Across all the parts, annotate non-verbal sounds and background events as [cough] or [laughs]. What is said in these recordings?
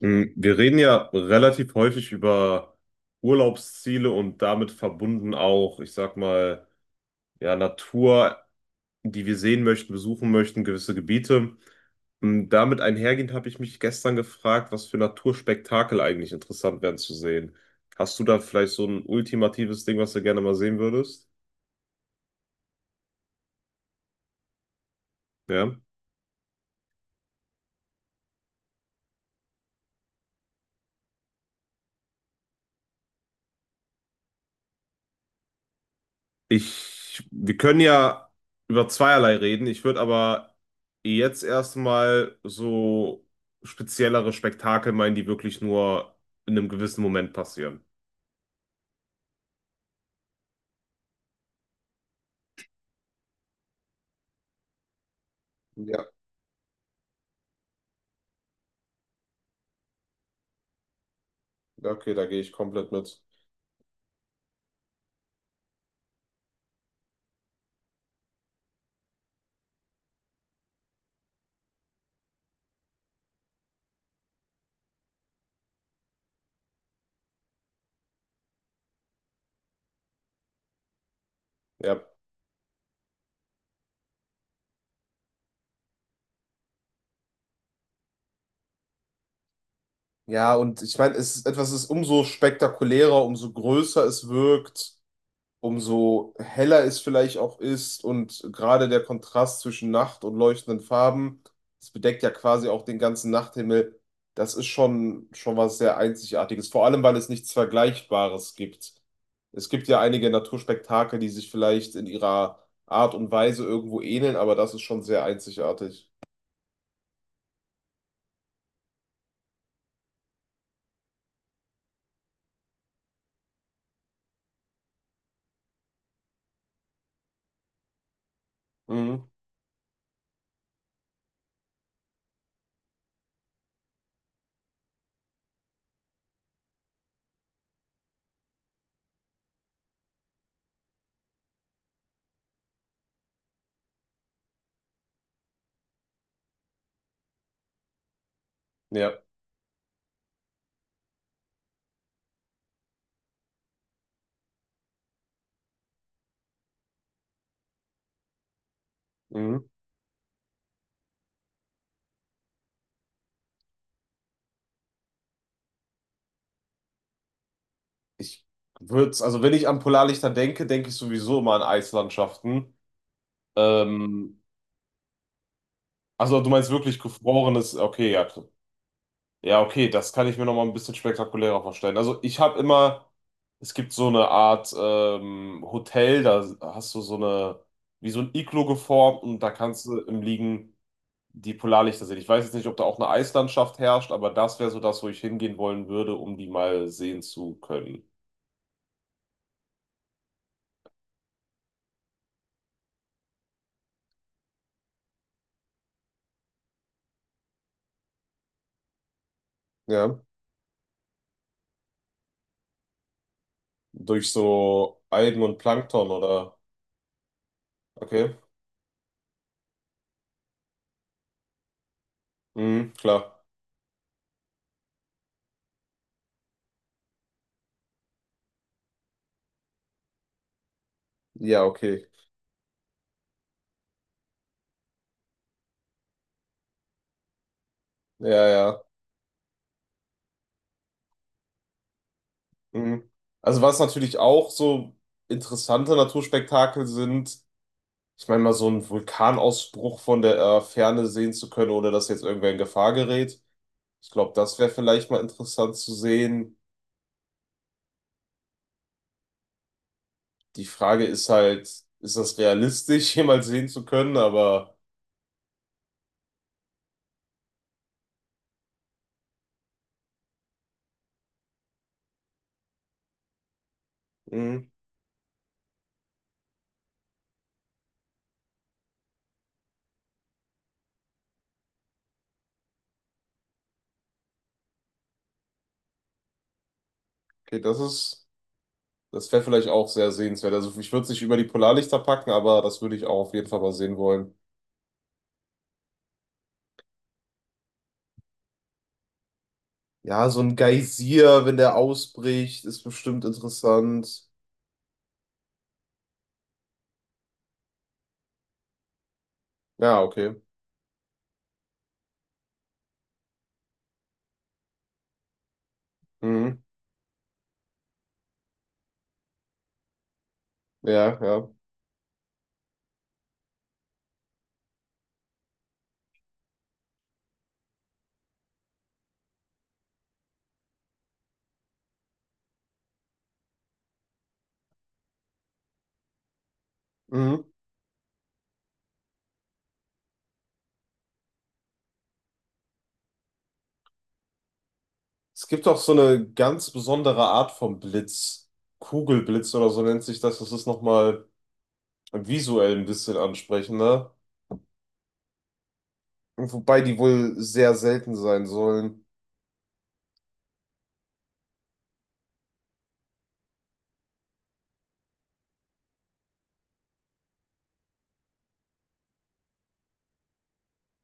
Wir reden ja relativ häufig über Urlaubsziele und damit verbunden auch, ich sag mal, ja, Natur, die wir sehen möchten, besuchen möchten, gewisse Gebiete. Damit einhergehend habe ich mich gestern gefragt, was für Naturspektakel eigentlich interessant wären zu sehen. Hast du da vielleicht so ein ultimatives Ding, was du gerne mal sehen würdest? Ja. Ich, wir können ja über zweierlei reden. Ich würde aber jetzt erstmal so speziellere Spektakel meinen, die wirklich nur in einem gewissen Moment passieren. Ja, okay, da gehe ich komplett mit. Ja. Ja, und ich meine, es ist etwas ist umso spektakulärer, umso größer es wirkt, umso heller es vielleicht auch ist und gerade der Kontrast zwischen Nacht und leuchtenden Farben, das bedeckt ja quasi auch den ganzen Nachthimmel. Das ist schon was sehr Einzigartiges, vor allem weil es nichts Vergleichbares gibt. Es gibt ja einige Naturspektakel, die sich vielleicht in ihrer Art und Weise irgendwo ähneln, aber das ist schon sehr einzigartig. Mhm. Ja. Mhm. Ich würde, also wenn ich an Polarlichter denke, denke ich sowieso immer an Eislandschaften. Ähm, Also du meinst wirklich gefrorenes, okay, ja, k- ja, okay, das kann ich mir noch mal ein bisschen spektakulärer vorstellen. Also ich habe immer, es gibt so eine Art Hotel, da hast du so eine, wie so ein Iglo geformt und da kannst du im Liegen die Polarlichter sehen. Ich weiß jetzt nicht, ob da auch eine Eislandschaft herrscht, aber das wäre so das, wo ich hingehen wollen würde, um die mal sehen zu können. Ja. Durch so Algen und Plankton oder, okay, mhm, klar. Ja, okay. Ja, ja. Mhm. Also was natürlich auch so interessante Naturspektakel sind, ich meine mal so einen Vulkanausbruch von der Ferne sehen zu können, ohne dass jetzt irgendwer in Gefahr gerät. Ich glaube, das wäre vielleicht mal interessant zu sehen. Die Frage ist halt, ist das realistisch, [laughs] jemals sehen zu können? Aber mh, okay, das ist, das wäre vielleicht auch sehr sehenswert. Also ich würde es nicht über die Polarlichter packen, aber das würde ich auch auf jeden Fall mal sehen wollen. Ja, so ein Geysir, wenn der ausbricht, ist bestimmt interessant. Ja, okay. Mhm. Ja, ja. Mhm. Es gibt auch so eine ganz besondere Art von Blitz. Kugelblitz oder so nennt sich das. Das ist nochmal visuell ein bisschen ansprechender. Wobei die wohl sehr selten sein sollen.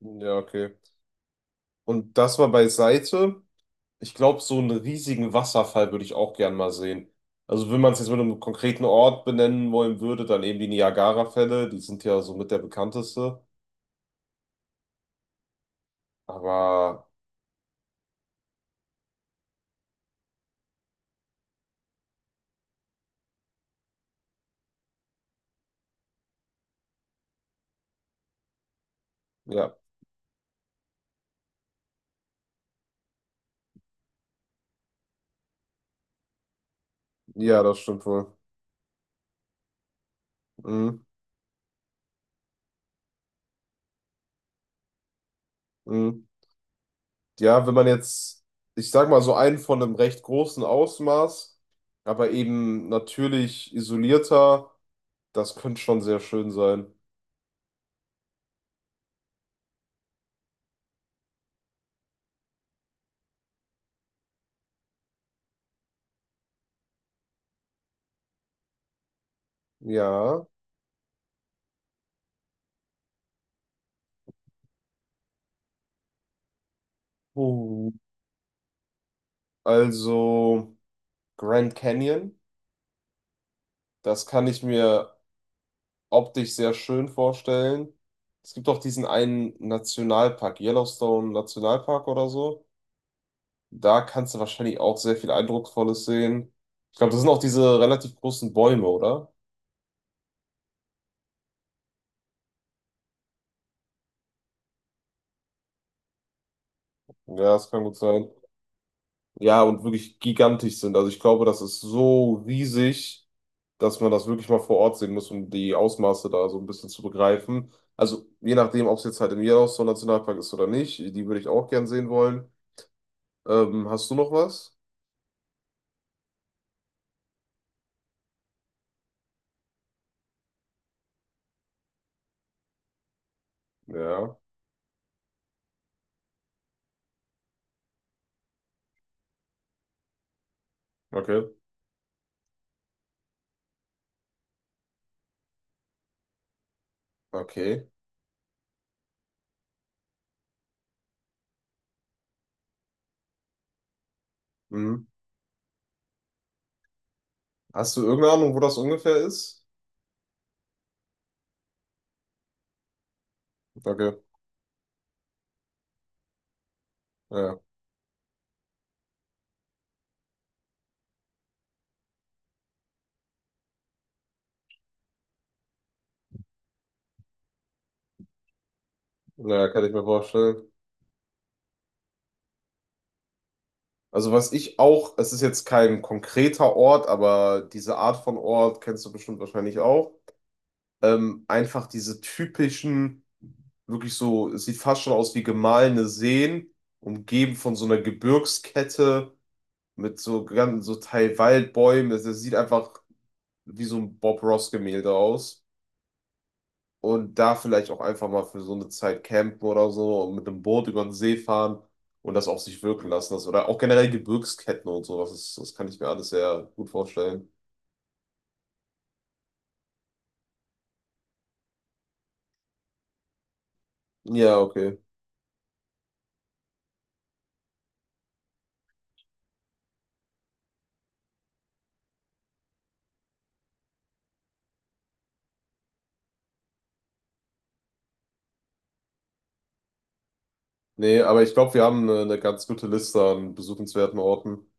Ja, okay. Und das mal beiseite. Ich glaube, so einen riesigen Wasserfall würde ich auch gern mal sehen. Also, wenn man es jetzt mit einem konkreten Ort benennen wollen würde, dann eben die Niagara-Fälle. Die sind ja somit der bekannteste. Aber ja, ja, das stimmt wohl. Mhm. Mhm. Ja, wenn man jetzt, ich sag mal so einen von einem recht großen Ausmaß, aber eben natürlich isolierter, das könnte schon sehr schön sein. Ja. Uh. Also Grand Canyon, das kann ich mir optisch sehr schön vorstellen. Es gibt auch diesen einen Nationalpark, Yellowstone Nationalpark oder so. Da kannst du wahrscheinlich auch sehr viel Eindrucksvolles sehen. Ich glaube, das sind auch diese relativ großen Bäume, oder? Ja, das kann gut sein. Ja, und wirklich gigantisch sind. Also ich glaube, das ist so riesig, dass man das wirklich mal vor Ort sehen muss, um die Ausmaße da so ein bisschen zu begreifen. Also je nachdem, ob es jetzt halt im Yellowstone Nationalpark ist oder nicht, die würde ich auch gern sehen wollen. Hast du noch was? Ja, okay. Okay. Mhm. Hast du irgendeine Ahnung, wo das ungefähr ist? Okay, ja, ja, kann ich mir vorstellen. Also was ich auch, es ist jetzt kein konkreter Ort, aber diese Art von Ort kennst du bestimmt wahrscheinlich auch. Einfach diese typischen, wirklich so, es sieht fast schon aus wie gemahlene Seen, umgeben von so einer Gebirgskette mit so ganz, so Teil Waldbäumen. Es sieht einfach wie so ein Bob Ross-Gemälde aus. Und da vielleicht auch einfach mal für so eine Zeit campen oder so und mit einem Boot über den See fahren und das auf sich wirken lassen. Das, oder auch generell Gebirgsketten und sowas. Das, das kann ich mir alles sehr gut vorstellen. Ja, okay. Nee, aber ich glaube, wir haben eine ganz gute Liste an besuchenswerten Orten.